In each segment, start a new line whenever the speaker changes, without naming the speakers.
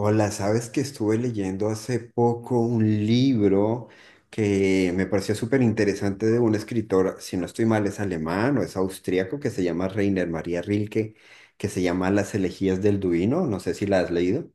Hola, sabes que estuve leyendo hace poco un libro que me pareció súper interesante de un escritor, si no estoy mal, es alemán o es austríaco, que se llama Reiner María Rilke, que se llama Las elegías del Duino, no sé si la has leído.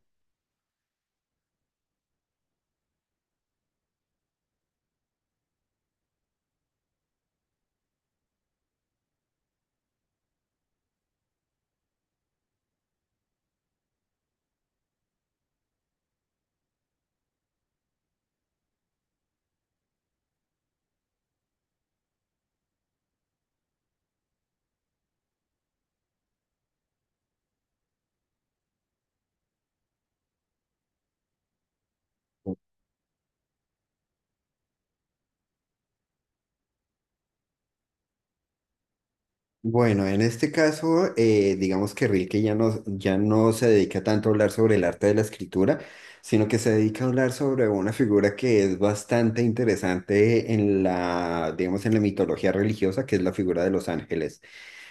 Bueno, en este caso, digamos que Rilke ya no se dedica tanto a hablar sobre el arte de la escritura, sino que se dedica a hablar sobre una figura que es bastante interesante en digamos, en la mitología religiosa, que es la figura de los ángeles.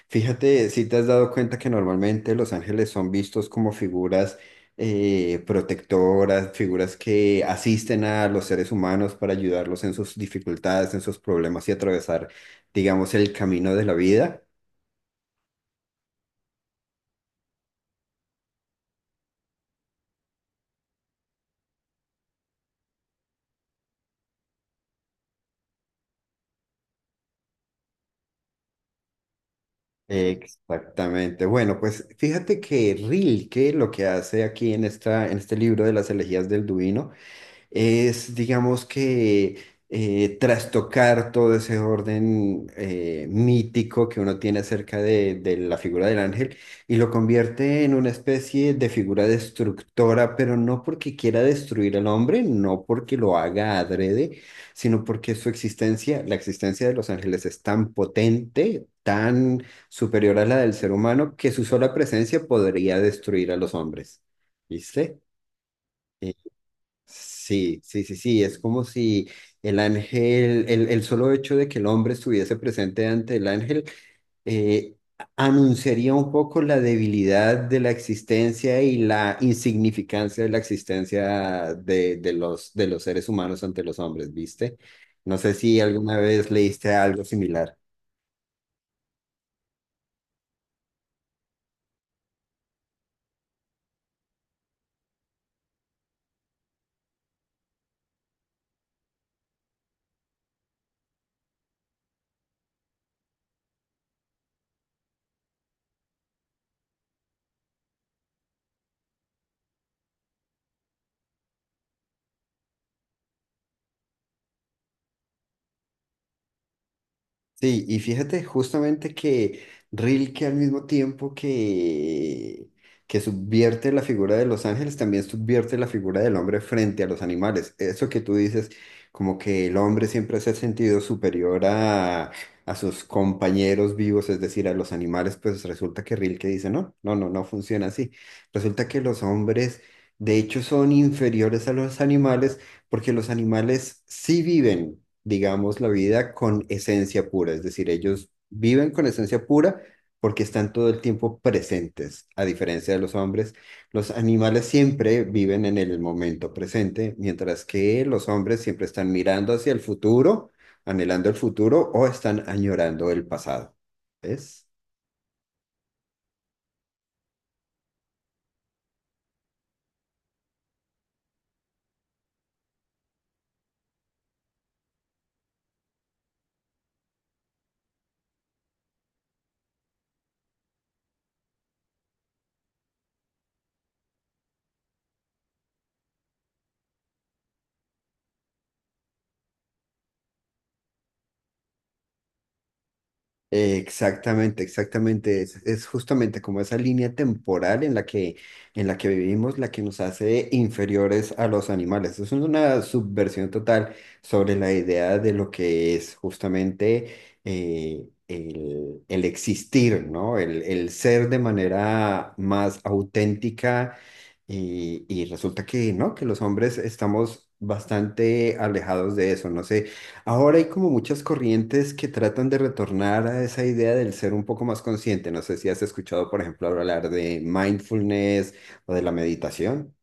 Fíjate, si te has dado cuenta que normalmente los ángeles son vistos como figuras protectoras, figuras que asisten a los seres humanos para ayudarlos en sus dificultades, en sus problemas y atravesar, digamos, el camino de la vida. Exactamente. Bueno, pues fíjate que Rilke lo que hace aquí en en este libro de las elegías del Duino es, trastocar todo ese orden mítico que uno tiene acerca de la figura del ángel y lo convierte en una especie de figura destructora, pero no porque quiera destruir al hombre, no porque lo haga adrede, sino porque su existencia, la existencia de los ángeles es tan potente, tan superior a la del ser humano, que su sola presencia podría destruir a los hombres. ¿Viste? Sí, es como si el solo hecho de que el hombre estuviese presente ante el ángel, eh, anunciaría un poco la debilidad de la existencia y la insignificancia de la existencia de los seres humanos ante los hombres, ¿viste? No sé si alguna vez leíste algo similar. Sí, y fíjate justamente que Rilke al mismo tiempo que subvierte la figura de los ángeles, también subvierte la figura del hombre frente a los animales. Eso que tú dices, como que el hombre siempre se ha sentido superior a sus compañeros vivos, es decir, a los animales, pues resulta que Rilke dice, no, no, no, no funciona así. Resulta que los hombres, de hecho, son inferiores a los animales porque los animales sí viven digamos, la vida con esencia pura, es decir, ellos viven con esencia pura porque están todo el tiempo presentes, a diferencia de los hombres. Los animales siempre viven en el momento presente, mientras que los hombres siempre están mirando hacia el futuro, anhelando el futuro o están añorando el pasado. ¿Ves? Exactamente, exactamente. Es justamente como esa línea temporal en en la que vivimos la que nos hace inferiores a los animales. Es una subversión total sobre la idea de lo que es justamente el existir, ¿no? El ser de manera más auténtica y resulta que, ¿no? Que los hombres estamos bastante alejados de eso. No sé. Ahora hay como muchas corrientes que tratan de retornar a esa idea del ser un poco más consciente. No sé si has escuchado, por ejemplo, hablar de mindfulness o de la meditación.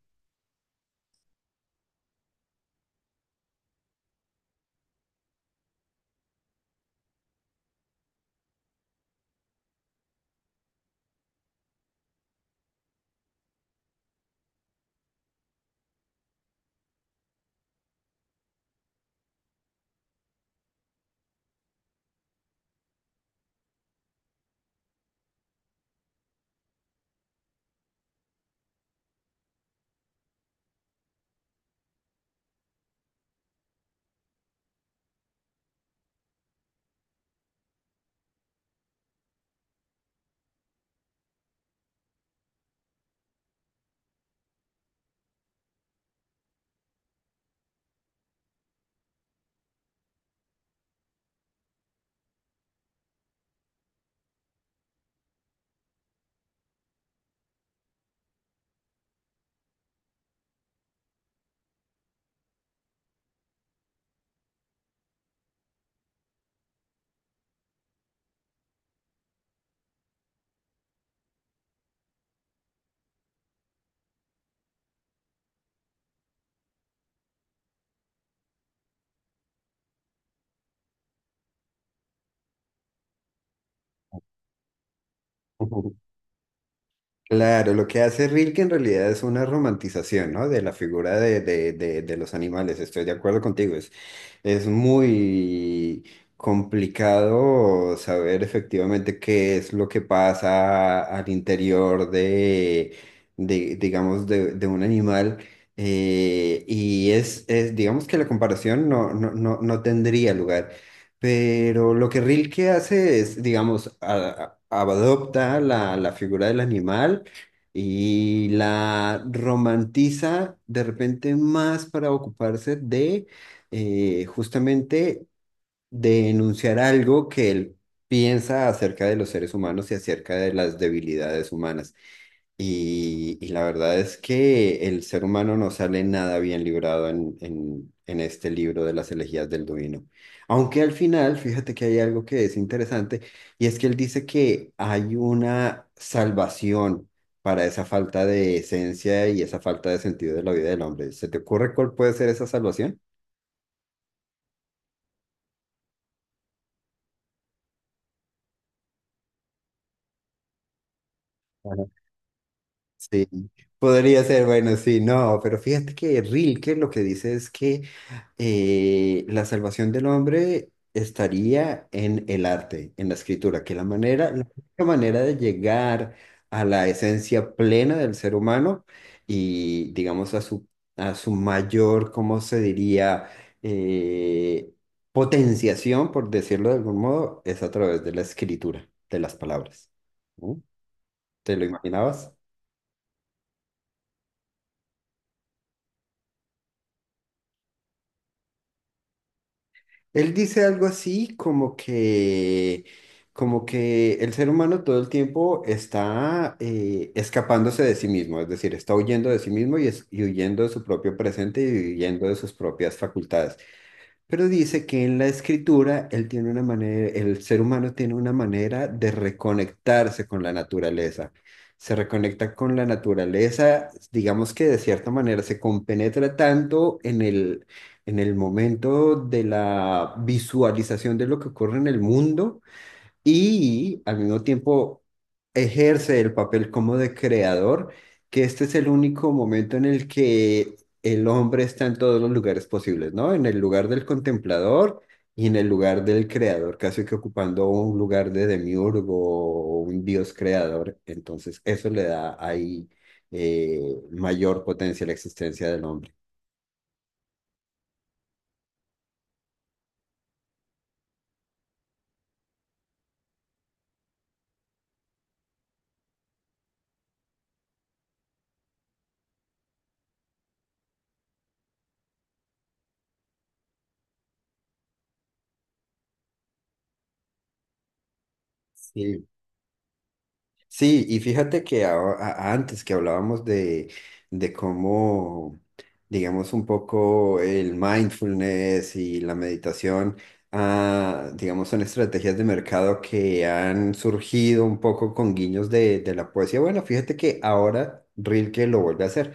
Ujú. Claro, lo que hace Rilke en realidad es una romantización, ¿no? De la figura de los animales. Estoy de acuerdo contigo. Es muy complicado saber efectivamente qué es lo que pasa al interior de, digamos, de un animal. Digamos que la comparación no tendría lugar. Pero lo que Rilke hace es, digamos, adopta la figura del animal y la romantiza de repente más para ocuparse de justamente denunciar algo que él piensa acerca de los seres humanos y acerca de las debilidades humanas. Y la verdad es que el ser humano no sale nada bien librado en este libro de las elegías del Duino. Aunque al final, fíjate que hay algo que es interesante, y es que él dice que hay una salvación para esa falta de esencia y esa falta de sentido de la vida del hombre. ¿Se te ocurre cuál puede ser esa salvación? Sí, podría ser, bueno, sí, no, pero fíjate que Rilke lo que dice es que la salvación del hombre estaría en el arte, en la escritura, que la manera, la única manera de llegar a la esencia plena del ser humano y, digamos, a a su mayor, ¿cómo se diría? Eh, Potenciación, por decirlo de algún modo, es a través de la escritura, de las palabras. ¿No? ¿Te lo imaginabas? Él dice algo así como como que el ser humano todo el tiempo está escapándose de sí mismo, es decir, está huyendo de sí mismo y huyendo de su propio presente y huyendo de sus propias facultades. Pero dice que en la escritura él tiene una manera, el ser humano tiene una manera de reconectarse con la naturaleza. Se reconecta con la naturaleza, digamos que de cierta manera se compenetra tanto en en el momento de la visualización de lo que ocurre en el mundo y al mismo tiempo ejerce el papel como de creador, que este es el único momento en el que el hombre está en todos los lugares posibles, ¿no? En el lugar del contemplador y en el lugar del creador, casi que ocupando un lugar de demiurgo o un dios creador. Entonces, eso le da ahí mayor potencia a la existencia del hombre. Sí, sí, y fíjate que antes que hablábamos de cómo, digamos, un poco el mindfulness y la meditación, ah, digamos, son estrategias de mercado que han surgido un poco con guiños de la poesía. Bueno, fíjate que ahora Rilke lo vuelve a hacer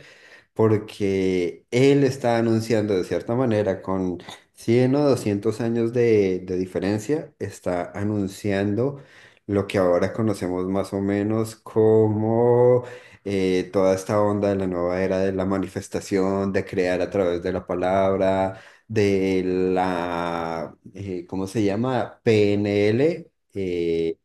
porque él está anunciando de cierta manera, con 100 o 200 años de diferencia, está anunciando lo que ahora conocemos más o menos como toda esta onda de la nueva era de la manifestación, de crear a través de la palabra, de la, ¿cómo se llama? PNL.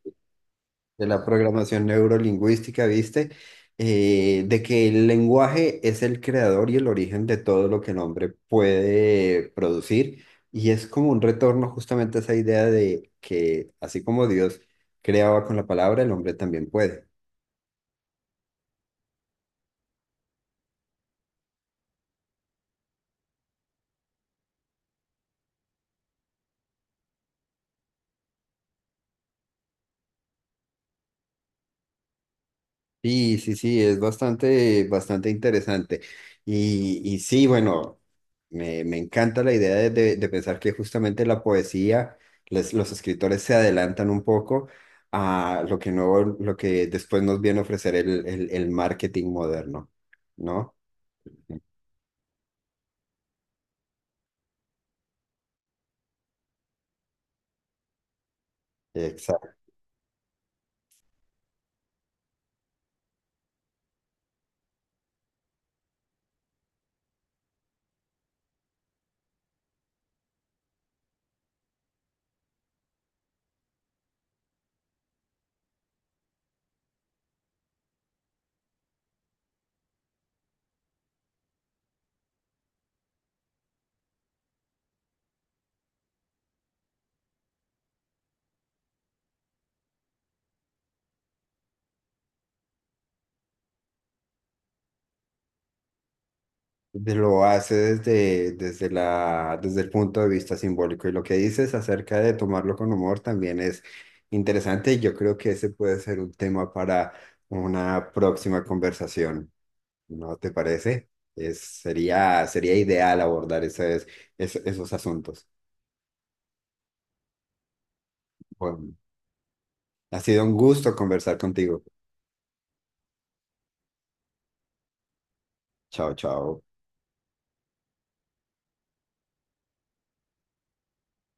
De la programación neurolingüística, ¿viste? De que el lenguaje es el creador y el origen de todo lo que el hombre puede producir. Y es como un retorno justamente a esa idea de que así como Dios creaba con la palabra, el hombre también puede. Sí, es bastante, bastante interesante. Y sí, bueno, me encanta la idea de pensar que justamente la poesía, los escritores se adelantan un poco a lo que no, lo que después nos viene a ofrecer el marketing moderno, ¿no? Exacto. Lo hace desde, desde el punto de vista simbólico. Y lo que dices acerca de tomarlo con humor también es interesante. Yo creo que ese puede ser un tema para una próxima conversación. ¿No te parece? Sería ideal abordar esos asuntos. Bueno, ha sido un gusto conversar contigo. Chao, chao.